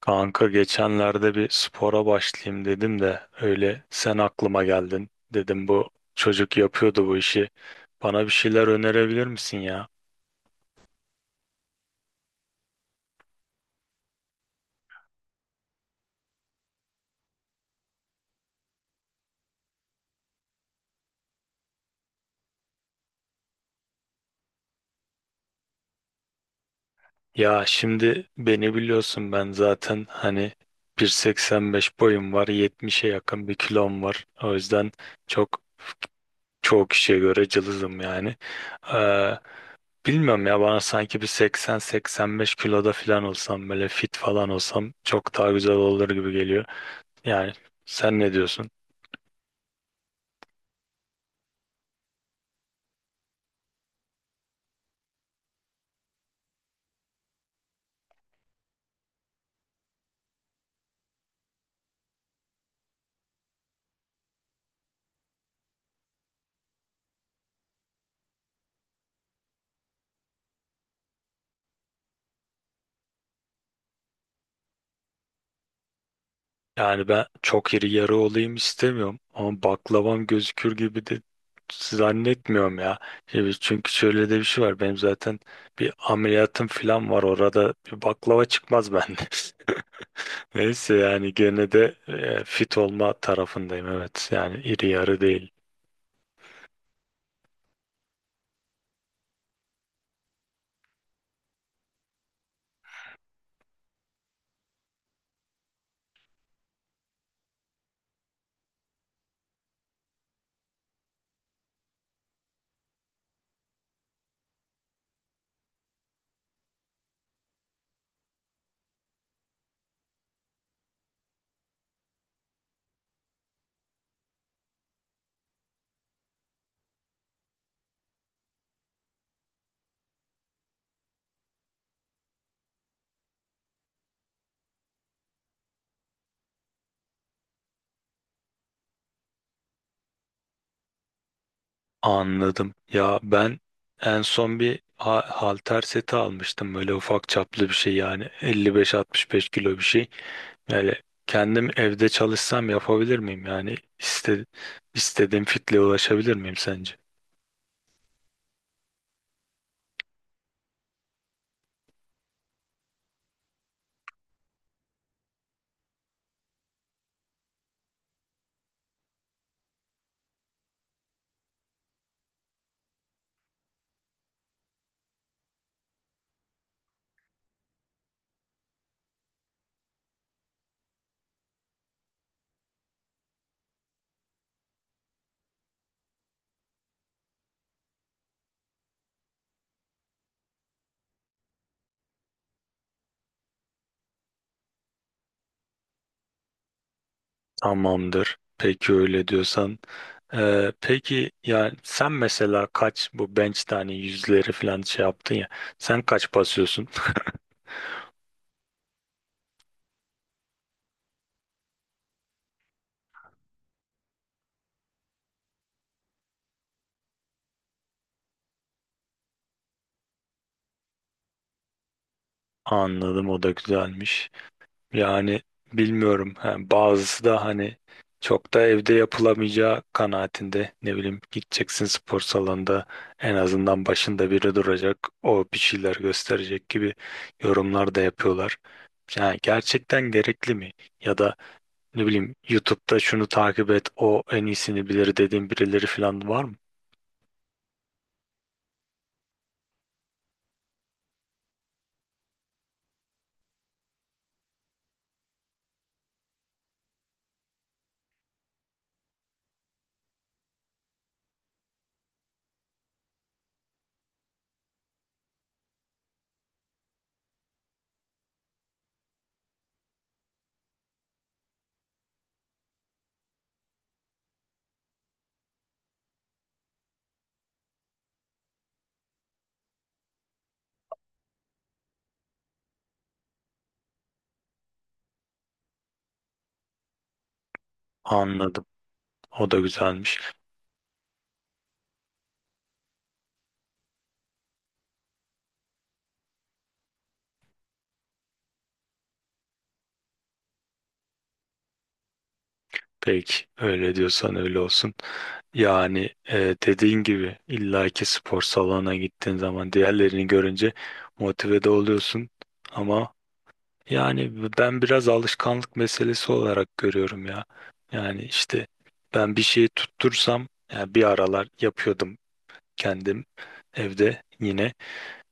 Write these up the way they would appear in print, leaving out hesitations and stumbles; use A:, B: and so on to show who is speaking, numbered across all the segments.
A: Kanka geçenlerde bir spora başlayayım dedim de öyle sen aklıma geldin. Dedim bu çocuk yapıyordu bu işi. Bana bir şeyler önerebilir misin ya? Ya şimdi beni biliyorsun, ben zaten hani 1.85 boyum var, 70'e yakın bir kilom var. O yüzden çok çoğu kişiye göre cılızım yani. Ee, bilmiyorum ya, bana sanki bir 80-85 kiloda falan olsam, böyle fit falan olsam çok daha güzel olur gibi geliyor. Yani sen ne diyorsun? Yani ben çok iri yarı olayım istemiyorum ama baklavam gözükür gibi de zannetmiyorum ya. Şimdi çünkü şöyle de bir şey var. Benim zaten bir ameliyatım falan var. Orada bir baklava çıkmaz bende. Neyse, yani gene de fit olma tarafındayım. Evet, yani iri yarı değil. Anladım. Ya ben en son bir halter seti almıştım. Böyle ufak çaplı bir şey, yani 55-65 kilo bir şey. Yani kendim evde çalışsam yapabilir miyim? Yani istediğim fitle ulaşabilir miyim sence? Tamamdır. Peki, öyle diyorsan. Peki yani sen mesela kaç bu bench tane yüzleri falan şey yaptın ya. Sen kaç basıyorsun? Anladım, o da güzelmiş. Yani bilmiyorum. Ha, bazısı da hani çok da evde yapılamayacağı kanaatinde. Ne bileyim, gideceksin spor salonunda en azından başında biri duracak. O bir şeyler gösterecek gibi yorumlar da yapıyorlar. Yani gerçekten gerekli mi? Ya da ne bileyim, YouTube'da şunu takip et, o en iyisini bilir dediğin birileri falan var mı? Anladım. O da güzelmiş. Peki öyle diyorsan öyle olsun. Yani dediğin gibi illaki spor salonuna gittiğin zaman diğerlerini görünce motive de oluyorsun. Ama yani ben biraz alışkanlık meselesi olarak görüyorum ya. Yani işte ben bir şeyi tuttursam, yani bir aralar yapıyordum kendim evde yine,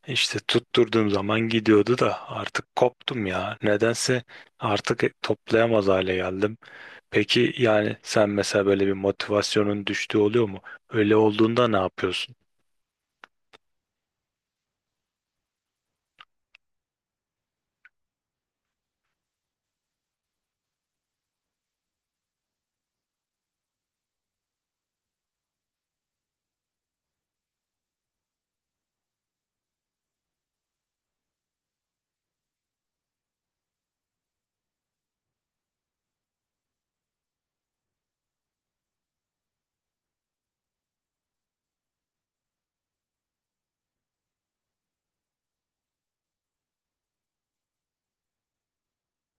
A: işte tutturduğum zaman gidiyordu da artık koptum ya. Nedense artık toplayamaz hale geldim. Peki yani sen mesela böyle bir motivasyonun düştüğü oluyor mu? Öyle olduğunda ne yapıyorsun?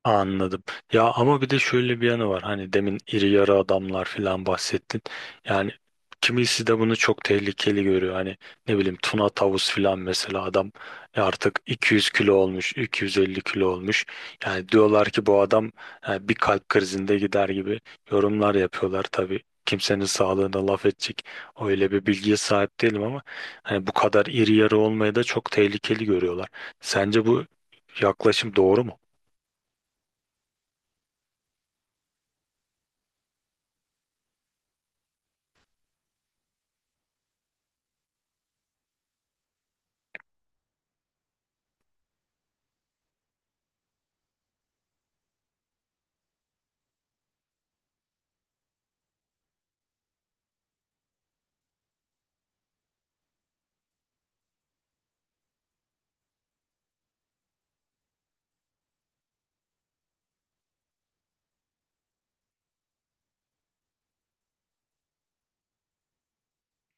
A: Anladım. Ya ama bir de şöyle bir yanı var. Hani demin iri yarı adamlar falan bahsettin. Yani kimisi de bunu çok tehlikeli görüyor. Hani ne bileyim, tuna tavus falan, mesela adam ya artık 200 kilo olmuş, 250 kilo olmuş. Yani diyorlar ki bu adam yani bir kalp krizinde gider gibi yorumlar yapıyorlar tabii. Kimsenin sağlığına laf edecek öyle bir bilgiye sahip değilim ama hani bu kadar iri yarı olmayı da çok tehlikeli görüyorlar. Sence bu yaklaşım doğru mu?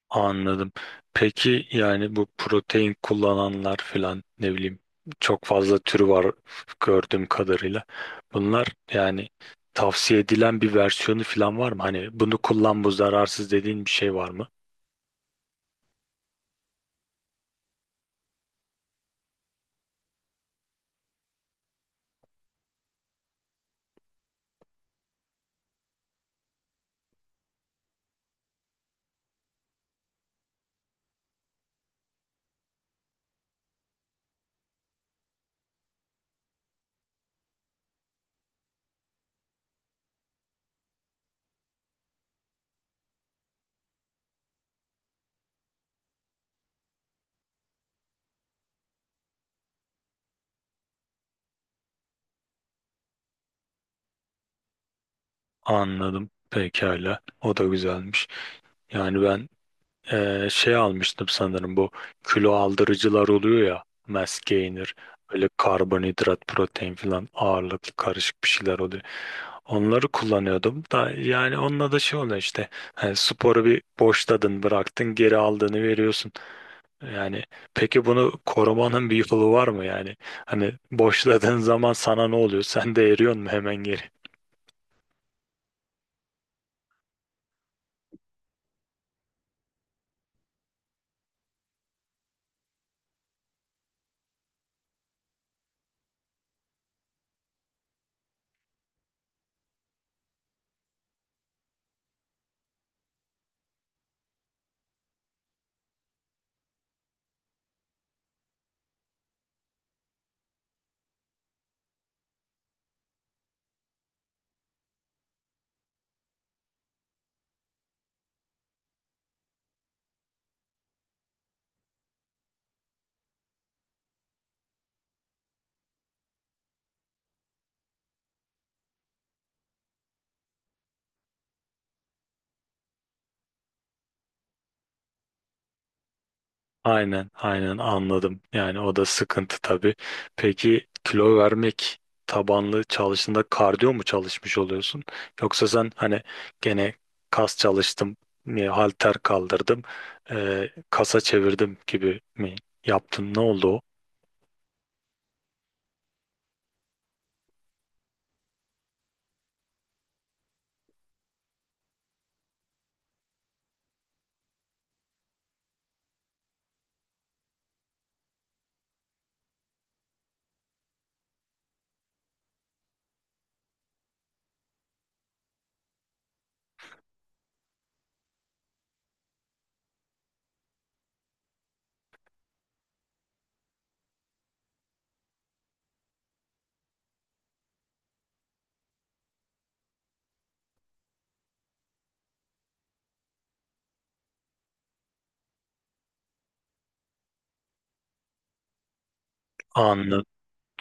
A: Anladım. Peki yani bu protein kullananlar filan, ne bileyim, çok fazla türü var gördüğüm kadarıyla. Bunlar yani tavsiye edilen bir versiyonu filan var mı? Hani bunu kullan, bu zararsız dediğin bir şey var mı? Anladım. Pekala. O da güzelmiş. Yani ben şey almıştım sanırım, bu kilo aldırıcılar oluyor ya, mass gainer, böyle karbonhidrat protein falan ağırlıklı karışık bir şeyler oluyor. Onları kullanıyordum da yani onunla da şey oluyor işte, hani sporu bir boşladın bıraktın, geri aldığını veriyorsun. Yani peki bunu korumanın bir yolu var mı yani? Hani boşladığın zaman sana ne oluyor? Sen de eriyorsun mu hemen geri? Aynen, aynen, anladım. Yani o da sıkıntı tabii. Peki kilo vermek tabanlı çalıştığında kardiyo mu çalışmış oluyorsun? Yoksa sen hani gene kas çalıştım, halter kaldırdım, kasa çevirdim gibi mi yaptın? Ne oldu o?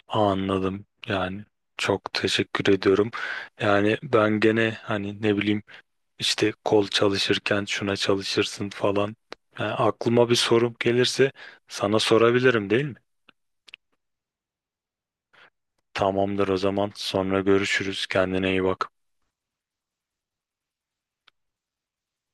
A: Anladım. Yani çok teşekkür ediyorum. Yani ben gene hani ne bileyim, işte kol çalışırken şuna çalışırsın falan. Yani aklıma bir sorum gelirse sana sorabilirim değil mi? Tamamdır o zaman. Sonra görüşürüz. Kendine iyi bak.